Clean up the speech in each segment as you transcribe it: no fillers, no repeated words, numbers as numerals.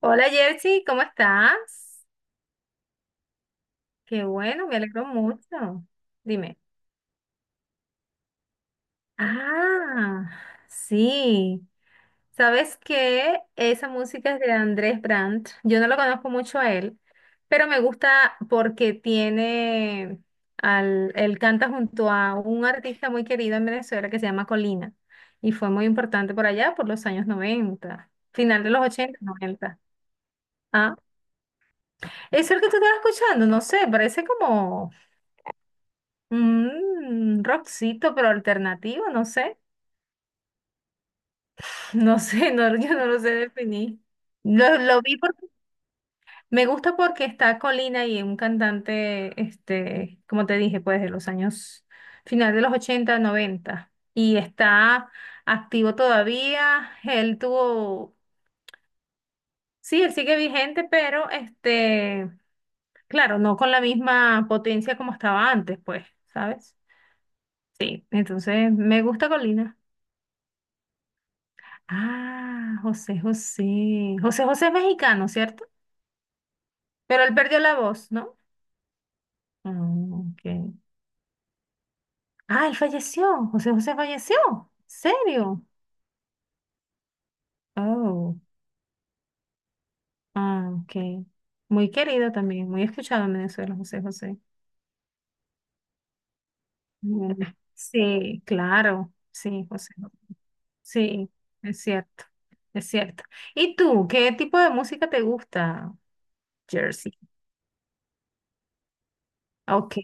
Hola Jersey, ¿cómo estás? Qué bueno, me alegro mucho. Dime. Ah, sí. ¿Sabes qué? Esa música es de Andrés Brandt. Yo no lo conozco mucho a él, pero me gusta porque tiene él canta junto a un artista muy querido en Venezuela que se llama Colina y fue muy importante por allá por los años 90, final de los 80, 90. Ah, eso es el que tú estás escuchando, no sé, parece como rockcito, pero alternativo, no sé. No sé, no, yo no lo sé definir. Lo vi porque me gusta porque está Colina y es un cantante, este, como te dije, pues de los años final de los 80, noventa. Y está activo todavía. Él tuvo, sí, él sigue vigente, pero este, claro, no con la misma potencia como estaba antes, pues, ¿sabes? Sí, entonces me gusta Colina. Ah, José José. José José es mexicano, ¿cierto? Pero él perdió la voz, ¿no? Ah, ok. Ah, él falleció. José José falleció. ¿Serio? Oh, ah, ok. Muy querido también, muy escuchado en Venezuela, José José. Mm, sí, claro. Sí, José. Sí, es cierto. Es cierto. ¿Y tú, qué tipo de música te gusta, Jersey? Ok.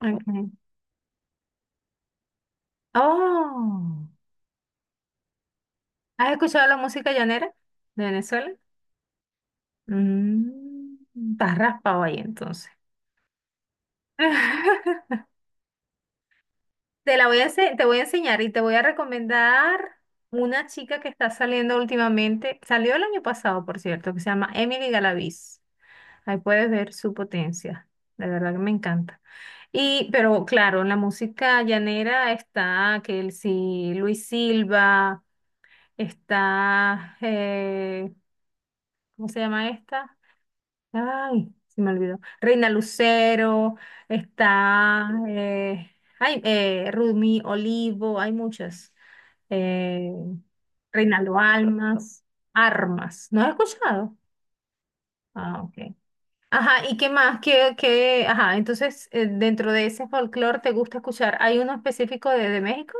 Ok. Oh. ¿Has escuchado la música llanera de Venezuela? Mm, Estás raspado ahí entonces. Te voy a enseñar y te voy a recomendar una chica que está saliendo últimamente. Salió el año pasado, por cierto, que se llama Emily Galaviz. Ahí puedes ver su potencia. De verdad que me encanta. Y, pero claro, en la música llanera está Kelsey, Luis Silva, está, ¿cómo se llama esta? Ay, se me olvidó. Reina Lucero, está, ay, Rumi Olivo, hay muchas. Eh, Reinaldo Almas, Armas. ¿No has escuchado? Ah, ok. Ajá, ¿y qué más? ¿Qué, qué? Ajá, entonces, dentro de ese folclore te gusta escuchar. ¿Hay uno específico de México?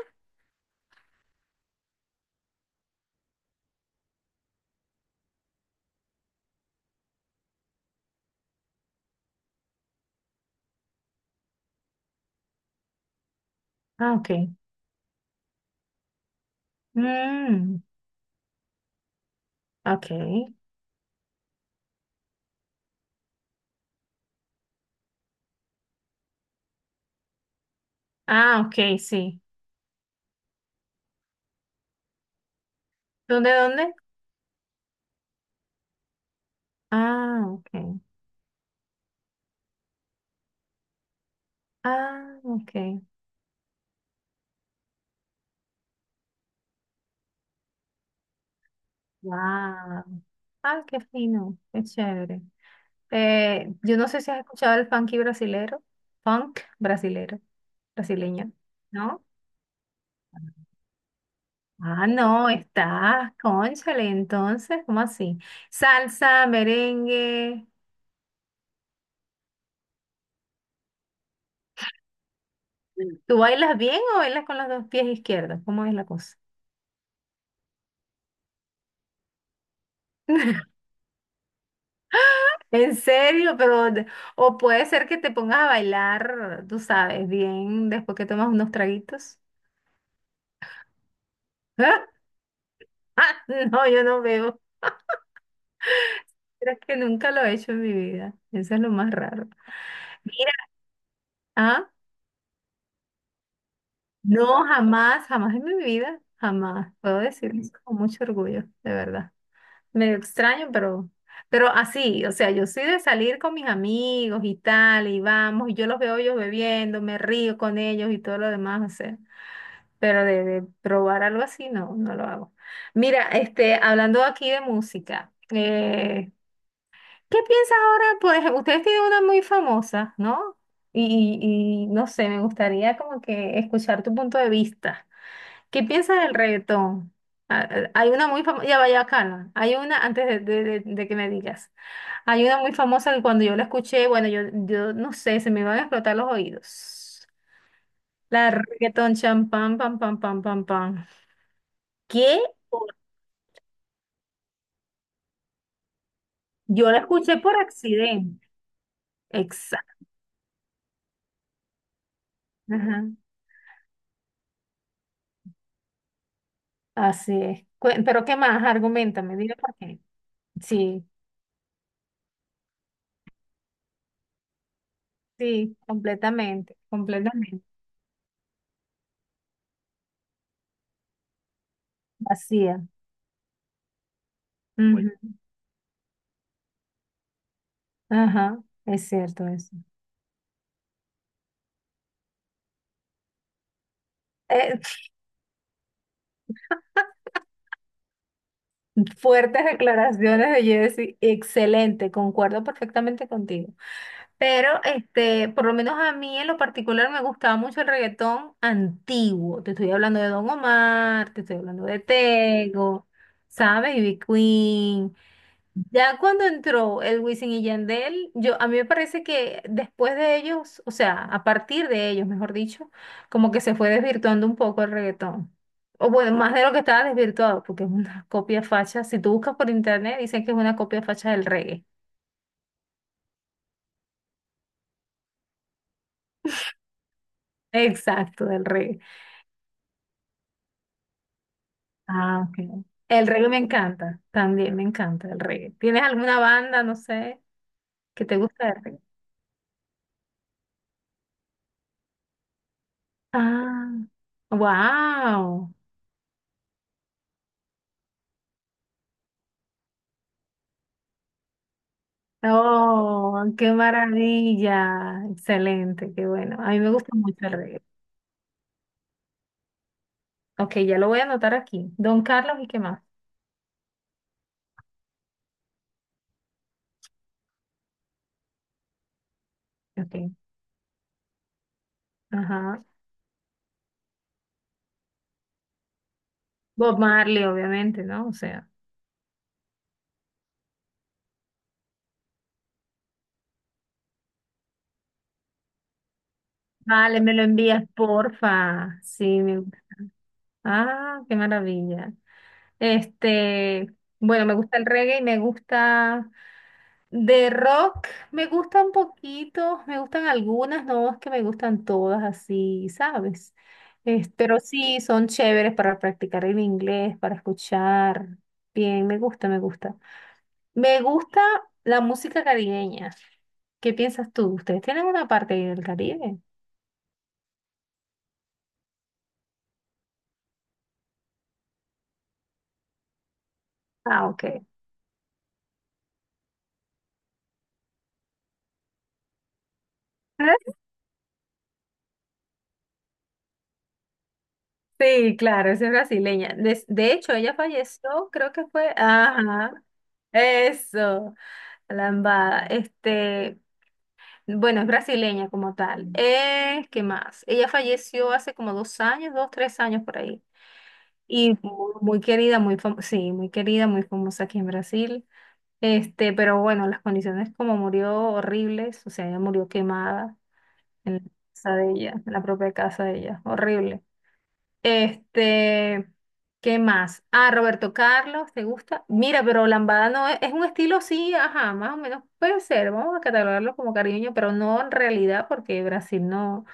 Ah, ok. Mm, ok. Ah, ok, sí. ¿Dónde, dónde? Ah, ok. Ah, ok. Wow. Ah, qué fino, qué chévere. Yo no sé si has escuchado el funky brasilero, funk brasilero, brasileño, ¿no? Ah, no, estás, cónchale, entonces, ¿cómo así? Salsa, merengue. ¿Tú bailas bien o bailas con los dos pies izquierdos? ¿Cómo es la cosa? En serio, o puede ser que te pongas a bailar, tú sabes, bien después que tomas unos traguitos. Ah, no, yo no veo. Pero es que nunca lo he hecho en mi vida. Eso es lo más raro. Mira, ah, no, jamás, jamás en mi vida, jamás. Puedo decir eso con mucho orgullo, de verdad. Medio extraño, pero así, o sea, yo soy de salir con mis amigos y tal, y vamos, y yo los veo ellos bebiendo, me río con ellos y todo lo demás, o sea. Pero de probar algo así, no, no lo hago. Mira, este, hablando aquí de música, ¿qué piensas ahora? Pues ustedes tienen una muy famosa, ¿no? Y no sé, me gustaría como que escuchar tu punto de vista. ¿Qué piensas del reggaetón? Hay una muy famosa, ya vaya calma. Hay una, antes de que me digas, hay una muy famosa que cuando yo la escuché, bueno, yo no sé, se me iban a explotar los oídos. La de reggaetón champán, pam, pam, pam, pam, pam. ¿Qué? Yo la escuché por accidente. Exacto. Así es. Pero ¿qué más? Argumentame, dime por qué. Sí, sí, completamente, completamente. Vacía. Bueno, ujú. Ajá, es cierto eso. Eh, Fuertes declaraciones de Jesse, excelente, concuerdo perfectamente contigo. Pero este, por lo menos a mí en lo particular me gustaba mucho el reggaetón antiguo. Te estoy hablando de Don Omar, te estoy hablando de Tego, ¿sabes? Ivy Queen. Ya cuando entró el Wisin y Yandel, yo, a mí me parece que después de ellos, o sea, a partir de ellos, mejor dicho, como que se fue desvirtuando un poco el reggaetón. O bueno, más de lo que estaba desvirtuado, porque es una copia facha. Si tú buscas por internet, dicen que es una copia facha del reggae. Exacto, del reggae. Ah, ok. El reggae me encanta, también me encanta el reggae. ¿Tienes alguna banda, no sé, que te gusta el reggae? Ah, wow. Oh, qué maravilla. Excelente, qué bueno. A mí me gusta mucho el reggae. Ok, ya lo voy a anotar aquí. Don Carlos y qué más. Ok, ajá. Bob Marley, obviamente, ¿no? O sea, vale, me lo envías, porfa. Sí, me gusta. Ah, qué maravilla. Este, bueno, me gusta el reggae y me gusta. De rock me gustan poquito me gustan algunas, no es que me gustan todas así, ¿sabes? Pero sí, son chéveres para practicar el inglés, para escuchar. Bien, me gusta, me gusta. Me gusta la música caribeña. ¿Qué piensas tú? ¿Ustedes tienen una parte ahí del Caribe? Ah, ok. Sí, claro, esa es brasileña. De hecho, ella falleció, creo que fue. Ajá. Eso, la lambada. Este, bueno, es brasileña como tal. ¿Qué más? Ella falleció hace como 2 años, dos, 3 años por ahí. Y muy querida, muy famosa, sí, muy querida, muy famosa aquí en Brasil. Este, pero bueno, las condiciones como murió horribles, o sea, ella murió quemada en la casa de ella, en la propia casa de ella, horrible. Este, ¿qué más? Ah, Roberto Carlos, ¿te gusta? Mira, pero lambada no es, es un estilo, sí, ajá, más o menos puede ser, vamos a catalogarlo como caribeño, pero no en realidad porque Brasil no,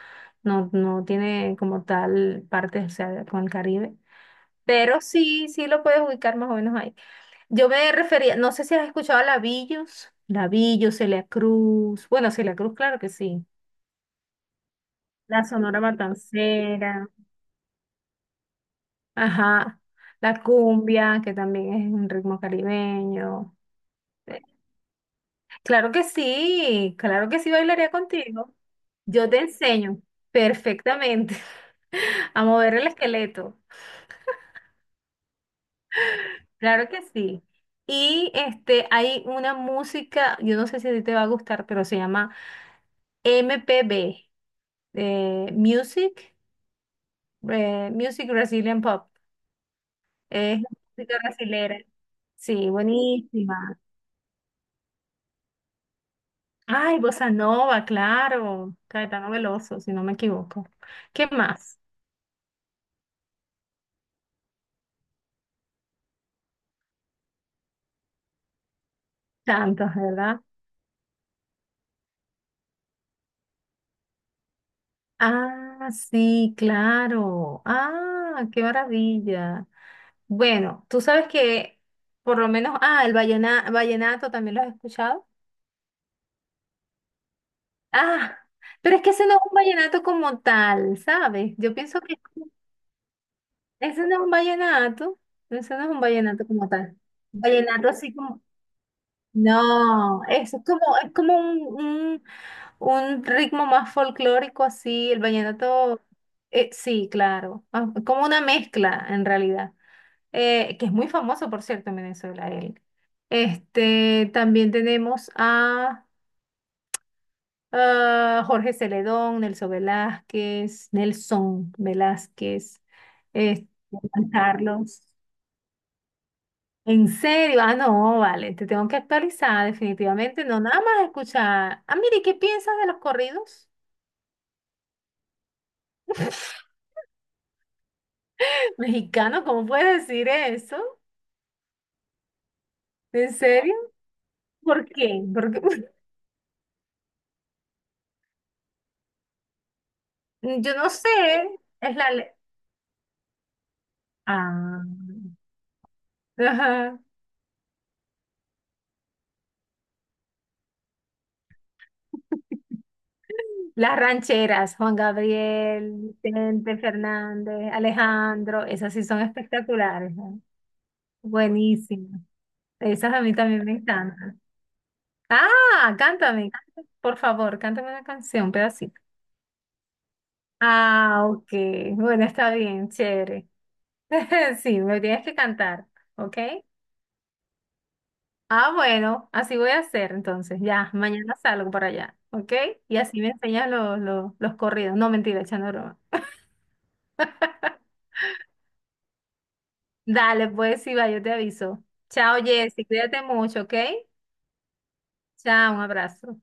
no, no tiene como tal parte, o sea, con el Caribe. Pero sí, sí lo puedes ubicar más o menos ahí. Yo me refería, no sé si has escuchado a Labillos, Labillos, Celia Cruz, bueno, Celia Cruz, claro que sí. La Sonora Matancera. Ajá, la cumbia, que también es un ritmo caribeño. Eh, claro que sí bailaría contigo. Yo te enseño perfectamente a mover el esqueleto. Claro que sí. Y este, hay una música, yo no sé si a ti te va a gustar, pero se llama MPB, eh, Music, Music Brazilian Pop. Es música brasilera. Sí, buenísima. Ay, Bossa Nova, claro. Caetano Veloso, si no me equivoco. ¿Qué más? Tantos, ¿verdad? Ah, sí, claro. Ah, qué maravilla. Bueno, tú sabes que por lo menos, el vallenato también lo has escuchado. Ah, pero es que ese no es un vallenato como tal, ¿sabes? Yo pienso que ese no es un vallenato, ese no es un vallenato como tal. Vallenato así como no, eso es como un- un ritmo más folclórico así, el vallenato, sí, claro, como una mezcla en realidad, que es muy famoso, por cierto, en Venezuela él. Este, también tenemos a, Jorge Celedón, Nelson Velázquez, Nelson Velázquez, este, Juan Carlos. En serio, ah, no, vale, te tengo que actualizar definitivamente, no nada más escuchar. Ah, mire, ¿qué piensas de los corridos mexicanos? ¿Cómo puedes decir eso? ¿En serio? ¿Por qué? Porque yo no sé, es la Ah, ajá. Las rancheras, Juan Gabriel, Vicente Fernández, Alejandro, esas sí son espectaculares, ¿no? Buenísimas. Esas a mí también me encantan. Ah, cántame, cántame, por favor, cántame una canción, un pedacito. Ah, ok. Bueno, está bien, chévere. Sí, me tienes que cantar, ¿ok? Ah, bueno, así voy a hacer entonces. Ya, mañana salgo para allá, ¿ok? Y así me enseñas los corridos. No, mentira, echando broma. Dale, pues sí, va, yo te aviso. Chao, Jessy, cuídate mucho, ¿ok? Chao, un abrazo.